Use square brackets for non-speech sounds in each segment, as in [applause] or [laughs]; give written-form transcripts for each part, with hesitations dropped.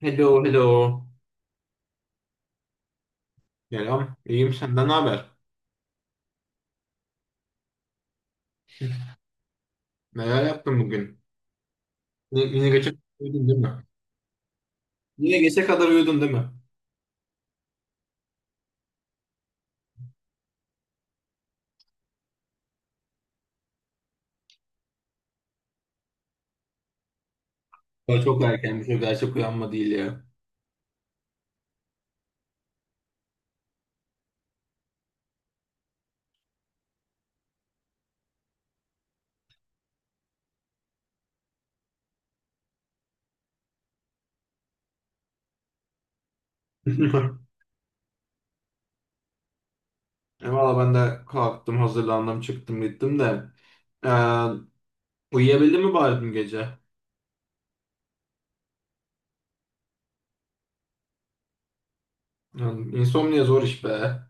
Hello, hello. Selam. İyiyim, senden ne haber? Neler yaptın bugün? Yine gece kadar uyudun, değil mi? Yine gece kadar uyudun, değil mi? Ya çok erkenmiş, o gerçek uyanma değil ya. [laughs] Valla ben de kalktım, hazırlandım, çıktım, gittim de. Ee, uyuyabildin mi bari dün gece? Yani insomnia zor iş be.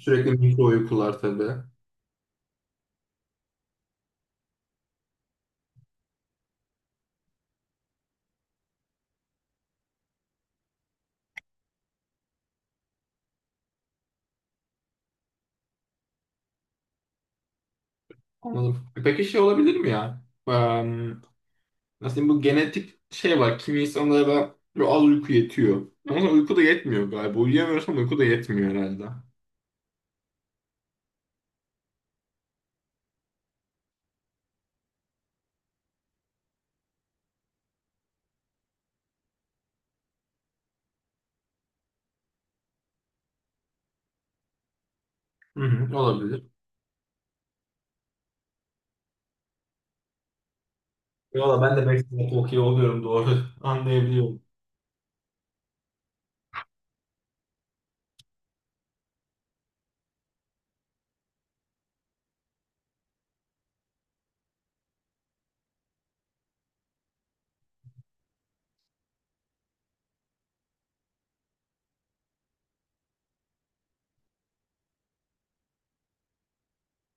Sürekli mikro uykular tabii. Anladım. Peki şey olabilir mi ya? Nasıl diyeyim, bu genetik şey var. Kimi insanlara böyle az uyku yetiyor. Ama sonra uyku da yetmiyor galiba. Uyuyamıyorsan uyku da yetmiyor herhalde. Hı hı, olabilir. Valla ben de Backstreet Hockey oluyorum, doğru. [laughs] Anlayabiliyorum.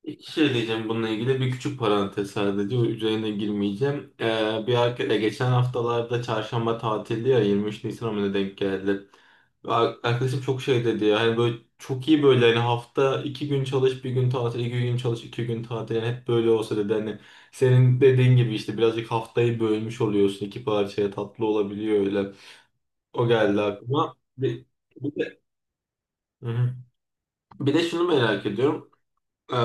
İki şey diyeceğim bununla ilgili. Bir küçük parantez sadece. O üzerine girmeyeceğim. Bir arkadaş, geçen haftalarda çarşamba tatildi ya, 23 Nisan'a mı ne denk geldi. Ve arkadaşım çok şey dedi ya. Hani böyle çok iyi, böyle hani hafta 2 gün çalış bir gün tatil, 2 gün çalış 2 gün tatil, yani hep böyle olsa dedi, hani senin dediğin gibi işte birazcık haftayı bölmüş oluyorsun iki parçaya, tatlı olabiliyor öyle. O geldi aklıma. Bir de, hı hı. Bir de şunu merak ediyorum, ee,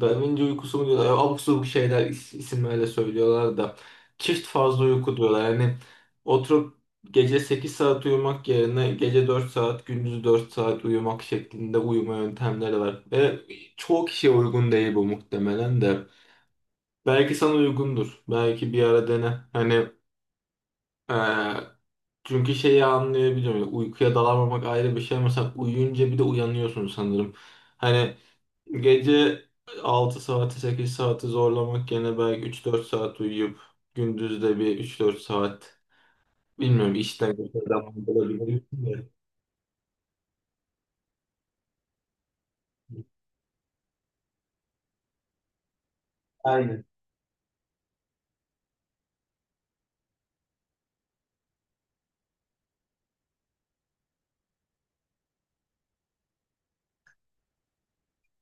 Da Vinci uykusu mu diyorlar? Abuk sabuk şeyler, isimlerle söylüyorlar da. Çift fazla uyku diyorlar. Yani oturup gece 8 saat uyumak yerine gece 4 saat, gündüz 4 saat uyumak şeklinde uyuma yöntemleri var. Ve çoğu kişiye uygun değil bu muhtemelen de. Belki sana uygundur. Belki bir ara dene. Hani ee, çünkü şeyi anlayabiliyorum. Uykuya dalamamak ayrı bir şey. Mesela uyuyunca bir de uyanıyorsun sanırım. Hani gece 6 saati, 8 saati zorlamak, gene belki 3-4 saat uyuyup gündüz de bir 3-4 saat, bilmiyorum, işten geçerden olabilir de. Aynen.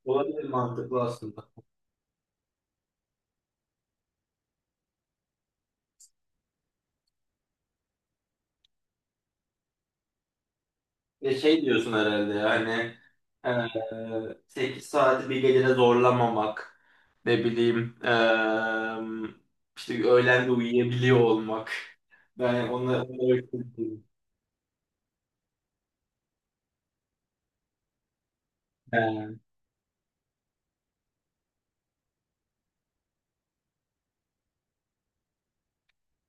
Olabilir, mantıklı aslında. Ve şey diyorsun herhalde yani, 8 saati bir gecede zorlamamak, ne bileyim işte öğlen de uyuyabiliyor olmak. Ben onları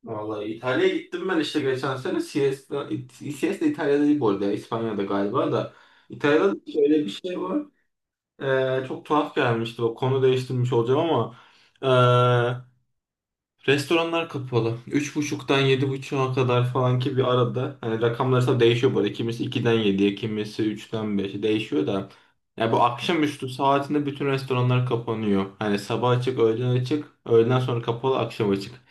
vallahi İtalya'ya gittim ben, işte geçen sene. Siesta İtalya'da değil bu arada. İspanya'da galiba da. İtalya'da da şöyle bir şey var. Çok tuhaf gelmişti. O, konu değiştirmiş olacağım ama. ee, Restoranlar kapalı. Üç buçuktan 7.30'a kadar falan, ki bir arada. Hani rakamlar tabii değişiyor böyle. Kimisi 2'den 7'ye, kimisi 3'ten 5'e değişiyor da. Ya bu akşamüstü saatinde bütün restoranlar kapanıyor. Hani sabah açık, öğlen açık, öğleden sonra kapalı, akşam açık.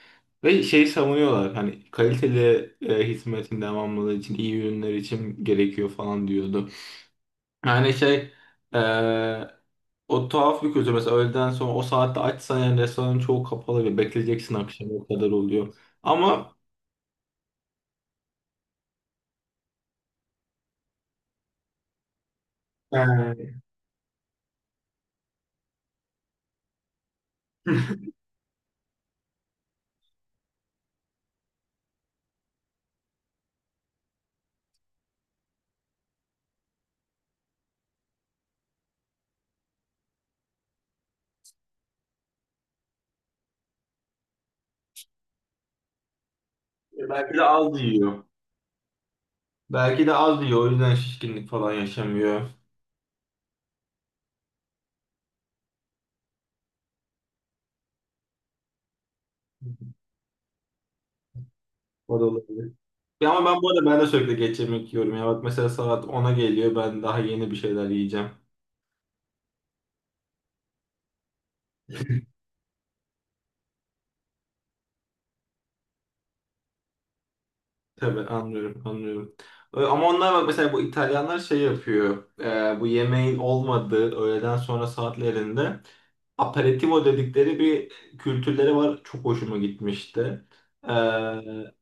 Ve şeyi savunuyorlar hani kaliteli, hizmetin devamlılığı için, iyi ürünler için gerekiyor falan diyordu. Yani şey, eee, o tuhaf bir kültür. Mesela öğleden sonra o saatte açsan yani restoranın çoğu kapalı ve bekleyeceksin akşama kadar oluyor. Ama eee, [laughs] belki de az yiyor. Belki de az yiyor. O yüzden şişkinlik falan yaşamıyor. O da olabilir. Ya ama ben bu arada ben de sürekli geç yemek yiyorum. Ya bak, mesela saat 10'a geliyor. Ben daha yeni bir şeyler yiyeceğim. Tabii anlıyorum, anlıyorum. Ama onlar bak mesela, bu İtalyanlar şey yapıyor. Bu yemeğin olmadığı öğleden sonra saatlerinde aperitivo dedikleri bir kültürleri var. Çok hoşuma gitmişti. Ee,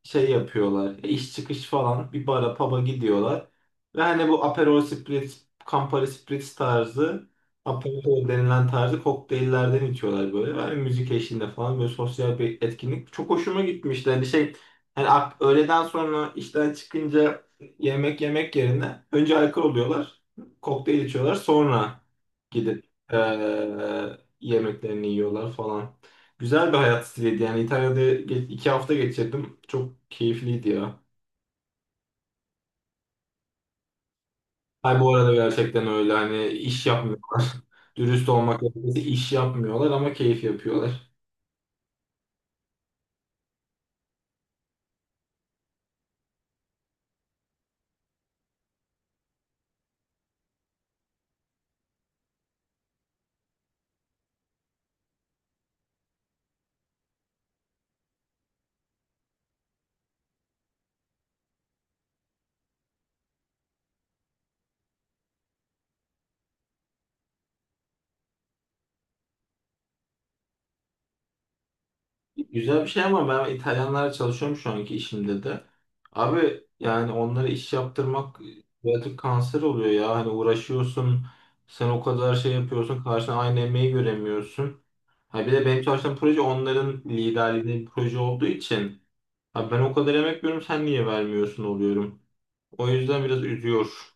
şey yapıyorlar. E, iş çıkış falan bir bara, pub'a gidiyorlar. Ve hani bu Aperol Spritz, Campari Spritz tarzı, Aperol denilen tarzı kokteyllerden içiyorlar böyle. Yani müzik eşliğinde falan böyle sosyal bir etkinlik. Çok hoşuma gitmişti. Hani şey, hani öğleden sonra işten çıkınca yemek yemek yerine önce alkol oluyorlar. Kokteyl içiyorlar. Sonra gidip ee, yemeklerini yiyorlar falan. Güzel bir hayat stiliydi. Yani İtalya'da 2 hafta geçirdim. Çok keyifliydi ya. Hay, bu arada gerçekten öyle. Hani iş yapmıyorlar. [laughs] Dürüst olmak gerekirse iş yapmıyorlar ama keyif yapıyorlar. Güzel bir şey ama ben İtalyanlarla çalışıyorum şu anki işimde de. Abi yani onlara iş yaptırmak birazcık kanser oluyor ya. Hani uğraşıyorsun. Sen o kadar şey yapıyorsun. Karşına aynı emeği göremiyorsun. Ha, bir de benim çalıştığım proje onların liderliğinde bir proje olduğu için, abi ben o kadar emek veriyorum, sen niye vermiyorsun oluyorum. O yüzden biraz üzüyor.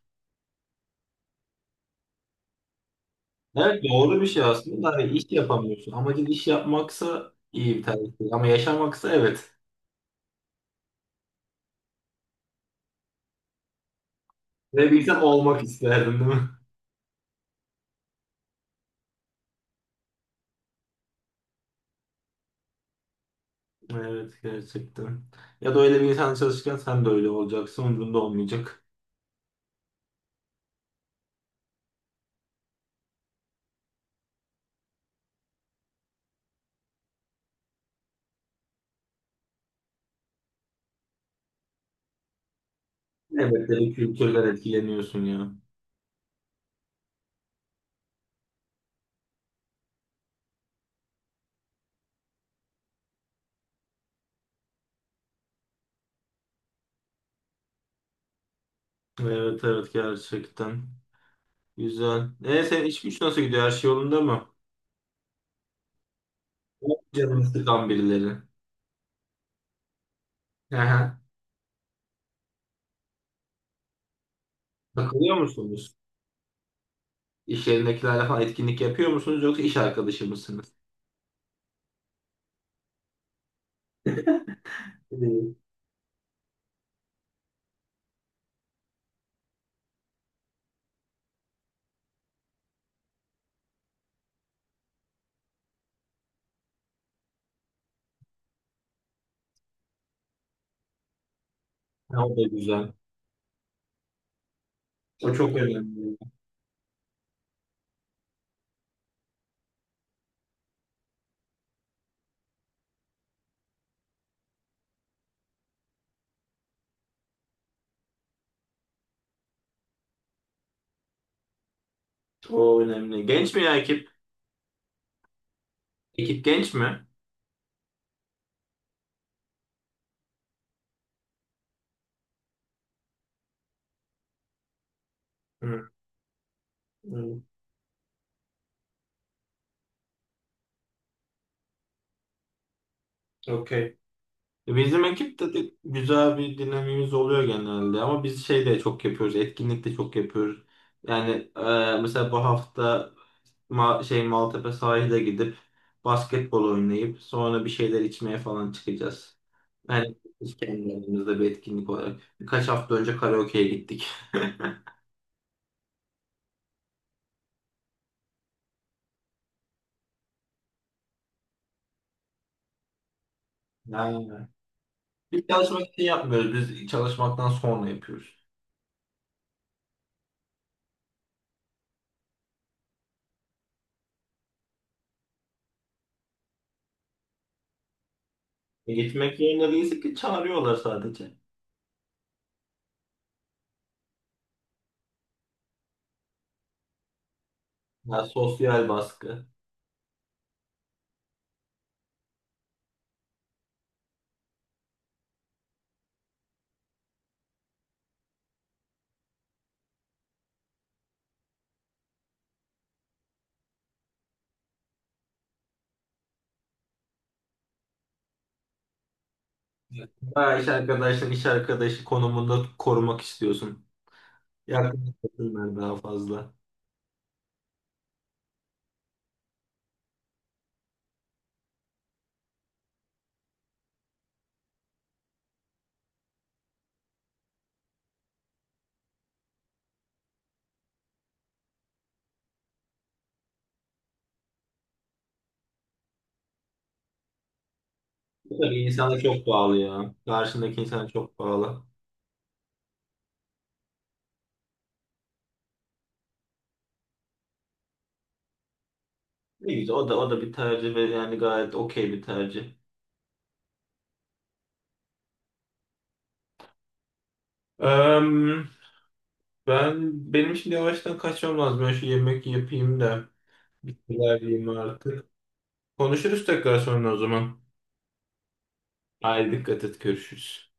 Evet, doğru bir şey aslında da hani iş yapamıyorsun. Amacın iş yapmaksa iyi bir tercih değil. Ama yaşamaksa evet. Ve bir insan olmak isterdim, değil mi? Evet, gerçekten. Ya da öyle bir insan çalışırken sen de öyle olacaksın. Umurunda olmayacak. Evet de kültürler, etkileniyorsun ya. Evet, evet, gerçekten. Güzel. Senin iş güç nasıl gidiyor? Her şey yolunda mı? Yok, canını sıkan birileri. Hı hı. Takılıyor musunuz? İş yerindekilerle falan etkinlik yapıyor musunuz, yoksa iş arkadaşı mısınız? Değil. Ha, o da güzel. O çok önemli. Önemli. O önemli. Genç mi ya ekip? Ekip genç mi? Hı, hı. Okey. Bizim ekipte de güzel bir dinamiğimiz oluyor genelde, ama biz şey de çok yapıyoruz, etkinlik de çok yapıyoruz. Yani mesela bu hafta Ma şey Maltepe sahile gidip basketbol oynayıp sonra bir şeyler içmeye falan çıkacağız. Yani biz kendi aramızda bir etkinlik olarak. Birkaç hafta önce karaoke'ye gittik. [laughs] Yani biz çalışmak için yapmıyoruz. Biz çalışmaktan sonra yapıyoruz. Gitmek yerine değilse ki, çağırıyorlar sadece. Ya, sosyal baskı. Bayağı iş arkadaşını iş arkadaşı konumunda korumak istiyorsun. Yaklaşmasınlar daha fazla. Tabii insana çok bağlı ya. Karşındaki insana çok bağlı. Ne güzel. O da bir tercih ve yani gayet okey bir tercih. Eee, benim şimdi yavaştan kaçmam lazım. Ben şu yemek yapayım da ilerleyeyim artık. Konuşuruz tekrar sonra o zaman. Haydi dikkat et. Görüşürüz.